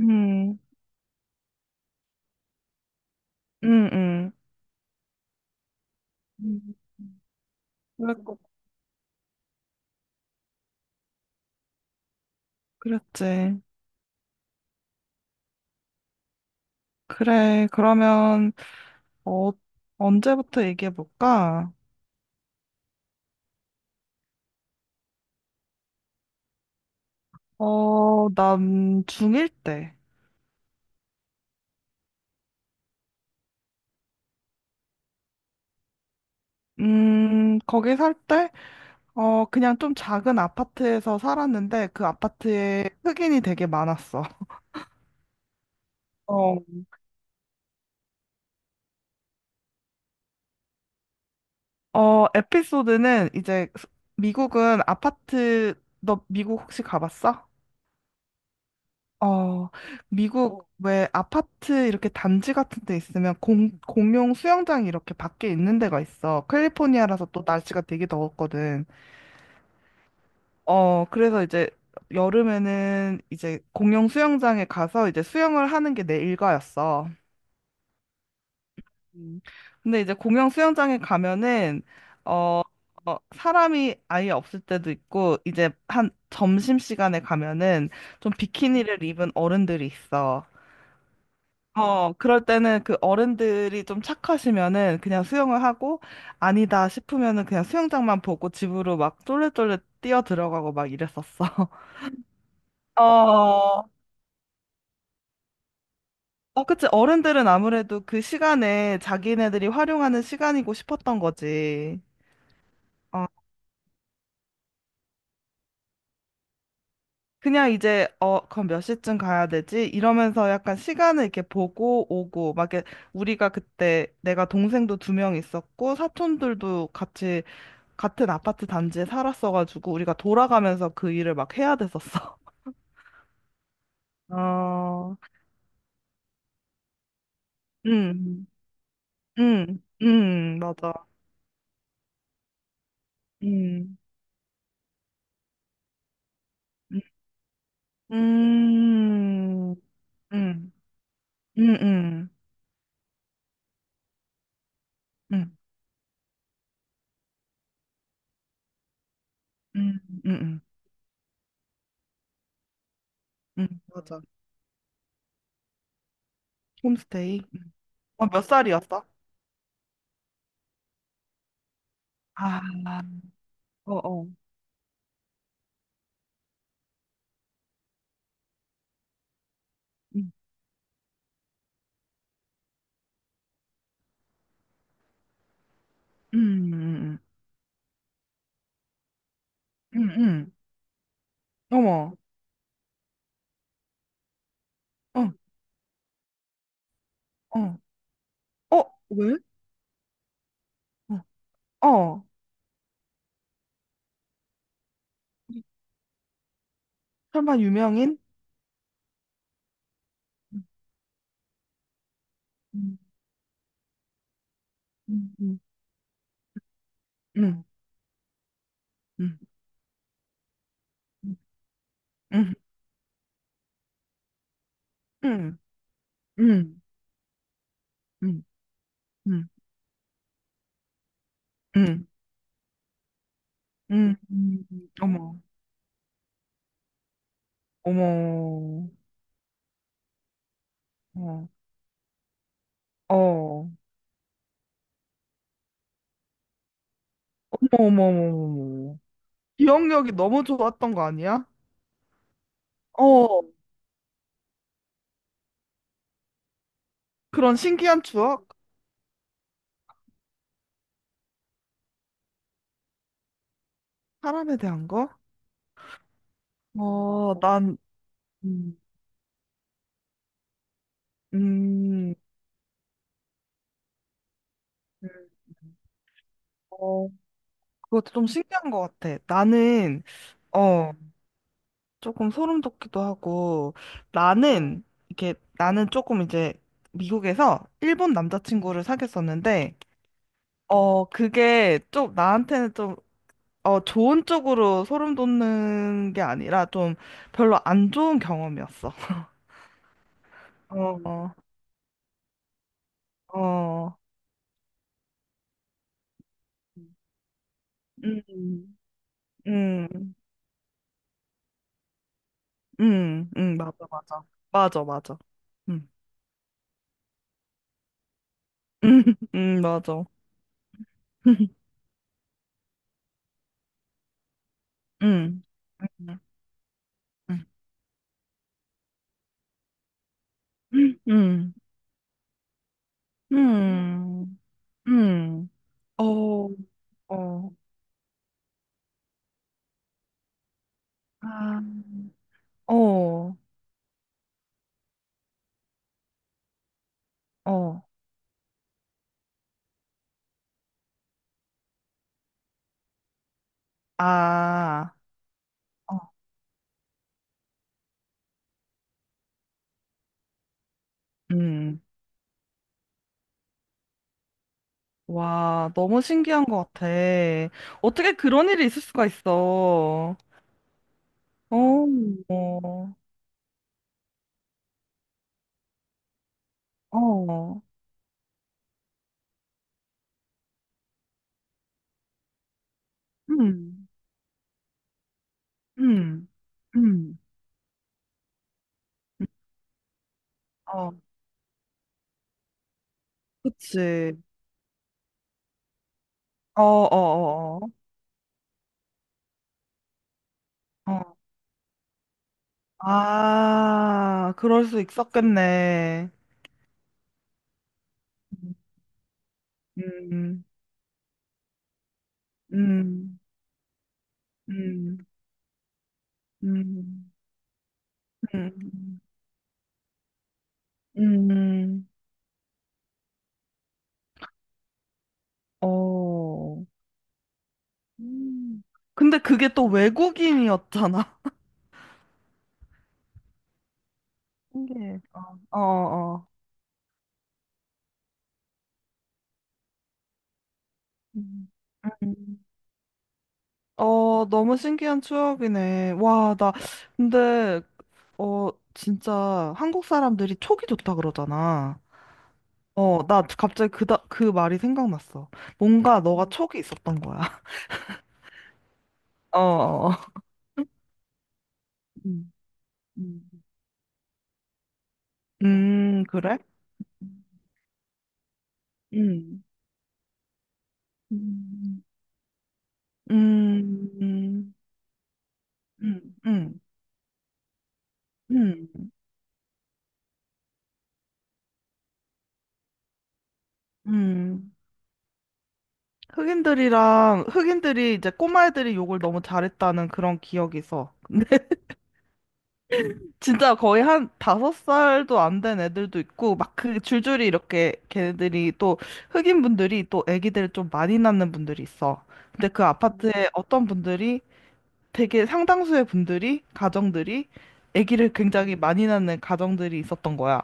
음, 음, 음. 음. 그랬고, 그랬지. 그래, 그러면, 어, 언제부터 얘기해볼까? 어, 난 중1 때. 거기 살 때, 어, 그냥 좀 작은 아파트에서 살았는데, 그 아파트에 흑인이 되게 많았어. 어, 어, 에피소드는 이제, 미국은 아파트, 너 미국 혹시 가봤어? 어, 미국 왜 아파트 이렇게 단지 같은 데 있으면 공, 공용 수영장이 이렇게 밖에 있는 데가 있어. 캘리포니아라서 또 날씨가 되게 더웠거든. 어, 그래서 이제 여름에는 이제 공용 수영장에 가서 이제 수영을 하는 게 내 일과였어. 음. 근데 이제 공용 수영장에 가면은 어, 어, 사람이 아예 없을 때도 있고 이제 한 점심시간에 가면은 좀 비키니를 입은 어른들이 있어. 어, 그럴 때는 그 어른들이 좀 착하시면은 그냥 수영을 하고 아니다 싶으면은 그냥 수영장만 보고 집으로 막 쫄래쫄래 뛰어 들어가고 막 이랬었어. 어, 어, 그치. 어른들은 아무래도 그 시간에 자기네들이 활용하는 시간이고 싶었던 거지. 어, 그냥 이제, 어, 그럼 몇 시쯤 가야 되지? 이러면서 약간 시간을 이렇게 보고 오고, 막 이렇게 우리가 그때 내가 동생도 두 명 있었고, 사촌들도 같이 같은 아파트 단지에 살았어가지고 우리가 돌아가면서 그 일을 막 해야 됐었어. 어, 음, 음, 음, 맞아. 음, 음, 음, 음, 음, 음, 음, 음, 음, 맞아. 홈스테이. 어, 몇 살이었어? 아, 어, 어, 음, 음, 음, 음, 음, 음. 어머, 어, 어, 어, 왜? 어, 어. 설마 유명인? 음, 음, 음, 음, 음. 음, 음, 음, 음, 음, 음, 음, 음. 어머, 어머, 어, 어, 어머, 어머, 어머, 어머. 기억력이 너무 좋았던 거 아니야? 어, 그런 신기한 추억? 사람에 대한 거? 어, 난, 음, 음, 음. 음. 어, 그것도 좀 신기한 것 같아. 나는, 어, 조금 소름 돋기도 하고 나는 나는 조금 이제 미국에서 일본 남자친구를 사귀었었는데 어 그게 좀 나한테는 좀 어 좋은 쪽으로 소름 돋는 게 아니라 좀 별로 안 좋은 경험이었어. 어, 어, 음, 음, 맞아, 맞아, 맞아, 맞아, 음, 음, 맞아, 음, 음, 음, 음, 음. 음. 어, 어, 아, 어, 어, 아, 어, 음. 와, 너무 신기한 것 같아. 어떻게 그런 일이 있을 수가 있어. 어, 어, 어, 음, 음, 음, 어, 그치. 어, 어, 어, 어, 어. 아, 그럴 수 있었겠네. 음, 음, 음, 음. 음, 음, 어. 음. 근데 그게 또 외국인이었잖아. 신기해. 어, 어, 어. 음. 음. 어, 너무 신기한 추억이네. 와, 나, 근데, 어, 진짜 한국 사람들이 촉이 좋다 그러잖아. 어, 나 갑자기 그, 다, 그 말이 생각났어. 뭔가 너가 촉이 있었던 거야. 어, 어. 음. 음. 그래? 음, 음. 음. 음, 음, 음, 음. 흑인들이 이제 꼬마애들이 욕을 너무 잘했다는 그런 기억이 있어. 근데 진짜 거의 한 다섯 살도 안 된 애들도 있고 막 그 줄줄이 이렇게 걔네들이 또 흑인 분들이 또 애기들을 좀 많이 낳는 분들이 있어. 근데 그 아파트에 어떤 분들이 되게 상당수의 분들이 가정들이 애기를 굉장히 많이 낳는 가정들이 있었던 거야.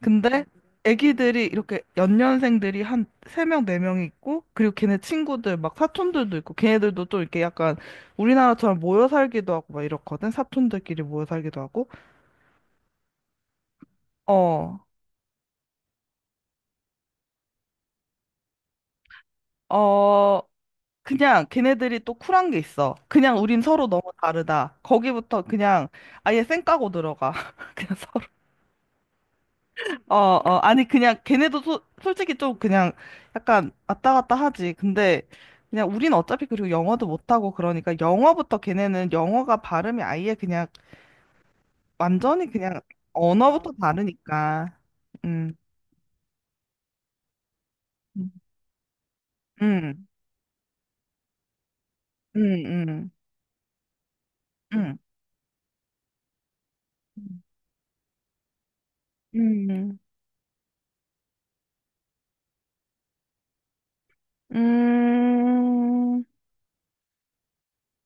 근데 애기들이 이렇게 연년생들이 한 세명네명이 있고 그리고 걔네 친구들 막 사촌들도 있고 걔네들도 또 이렇게 약간 우리나라처럼 모여 살기도 하고 막 이렇거든. 사촌들끼리 모여 살기도 하고. 어. 어. 그냥 걔네들이 또 쿨한 게 있어. 그냥 우린 서로 너무 다르다. 거기부터 그냥 아예 쌩 까고 들어가. 그냥 서 어, 어, 아니, 그냥, 걔네도 소, 솔직히 좀 그냥 약간 왔다 갔다 하지. 근데 그냥 우린 어차피 그리고 영어도 못하고 그러니까 영어부터 걔네는 영어가 발음이 아예 그냥 완전히 그냥 언어부터 다르니까. 음, 음, 음, 음, 음, 음, 음, 음,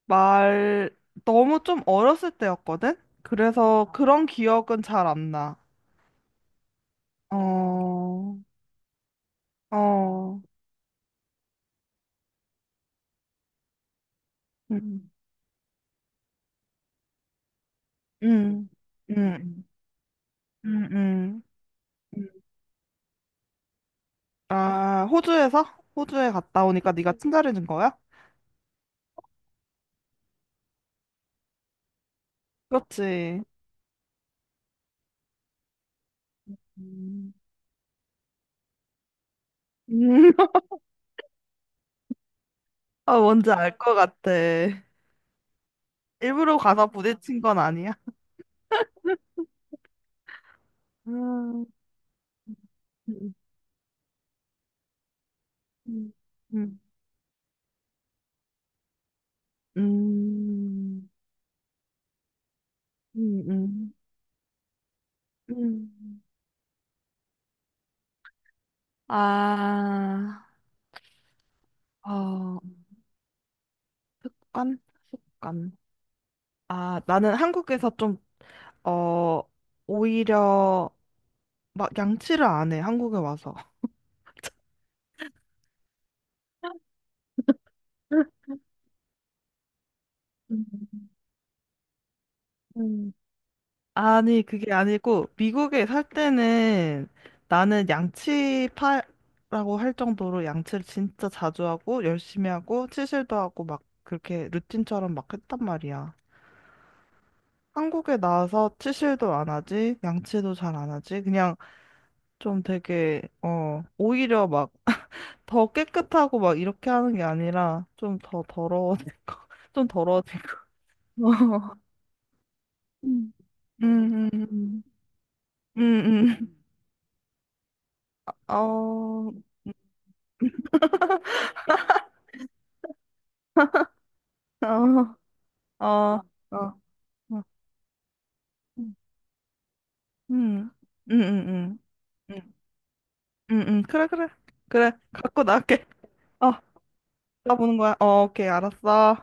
말, 너무 좀 어렸을 때였거든? 그래서 그런 기억은 잘 안 나. 어, 어, 음. 음, 음, 음, 음. 음. 아, 호주에서? 호주에 갔다 오니까 네가 친절해진 거야? 그렇지. 음. 음. 아, 뭔지 알 것 같아. 일부러 가서 부딪힌 건 아니야? 음, 음, 음, 음, 음, 음, 음. 음. 아, 어, 습관? 습관. 아, 나는 한국에서 좀, 어, 오히려 막 양치를 안 해, 한국에 와서. 음, 음, 아니, 그게 아니고, 미국에 살 때는 나는 양치파라고 할 정도로 양치를 진짜 자주 하고, 열심히 하고, 치실도 하고, 막 그렇게 루틴처럼 막 했단 말이야. 한국에 나와서 치실도 안 하지, 양치도 잘 안 하지, 그냥 좀 되게, 어, 오히려 막 더 깨끗하고 막 이렇게 하는 게 아니라 좀 더 더러워지고, 좀 더러워지고. 어. 음. 음, 음, 음, 음. 어, 어, 어, 어, 어, 음, 음, 음, 음, 음, 음, 그래, 그래, 그래, 갖고 나올게. 어, 나 보는 거야. 어, 오케이, 알았어.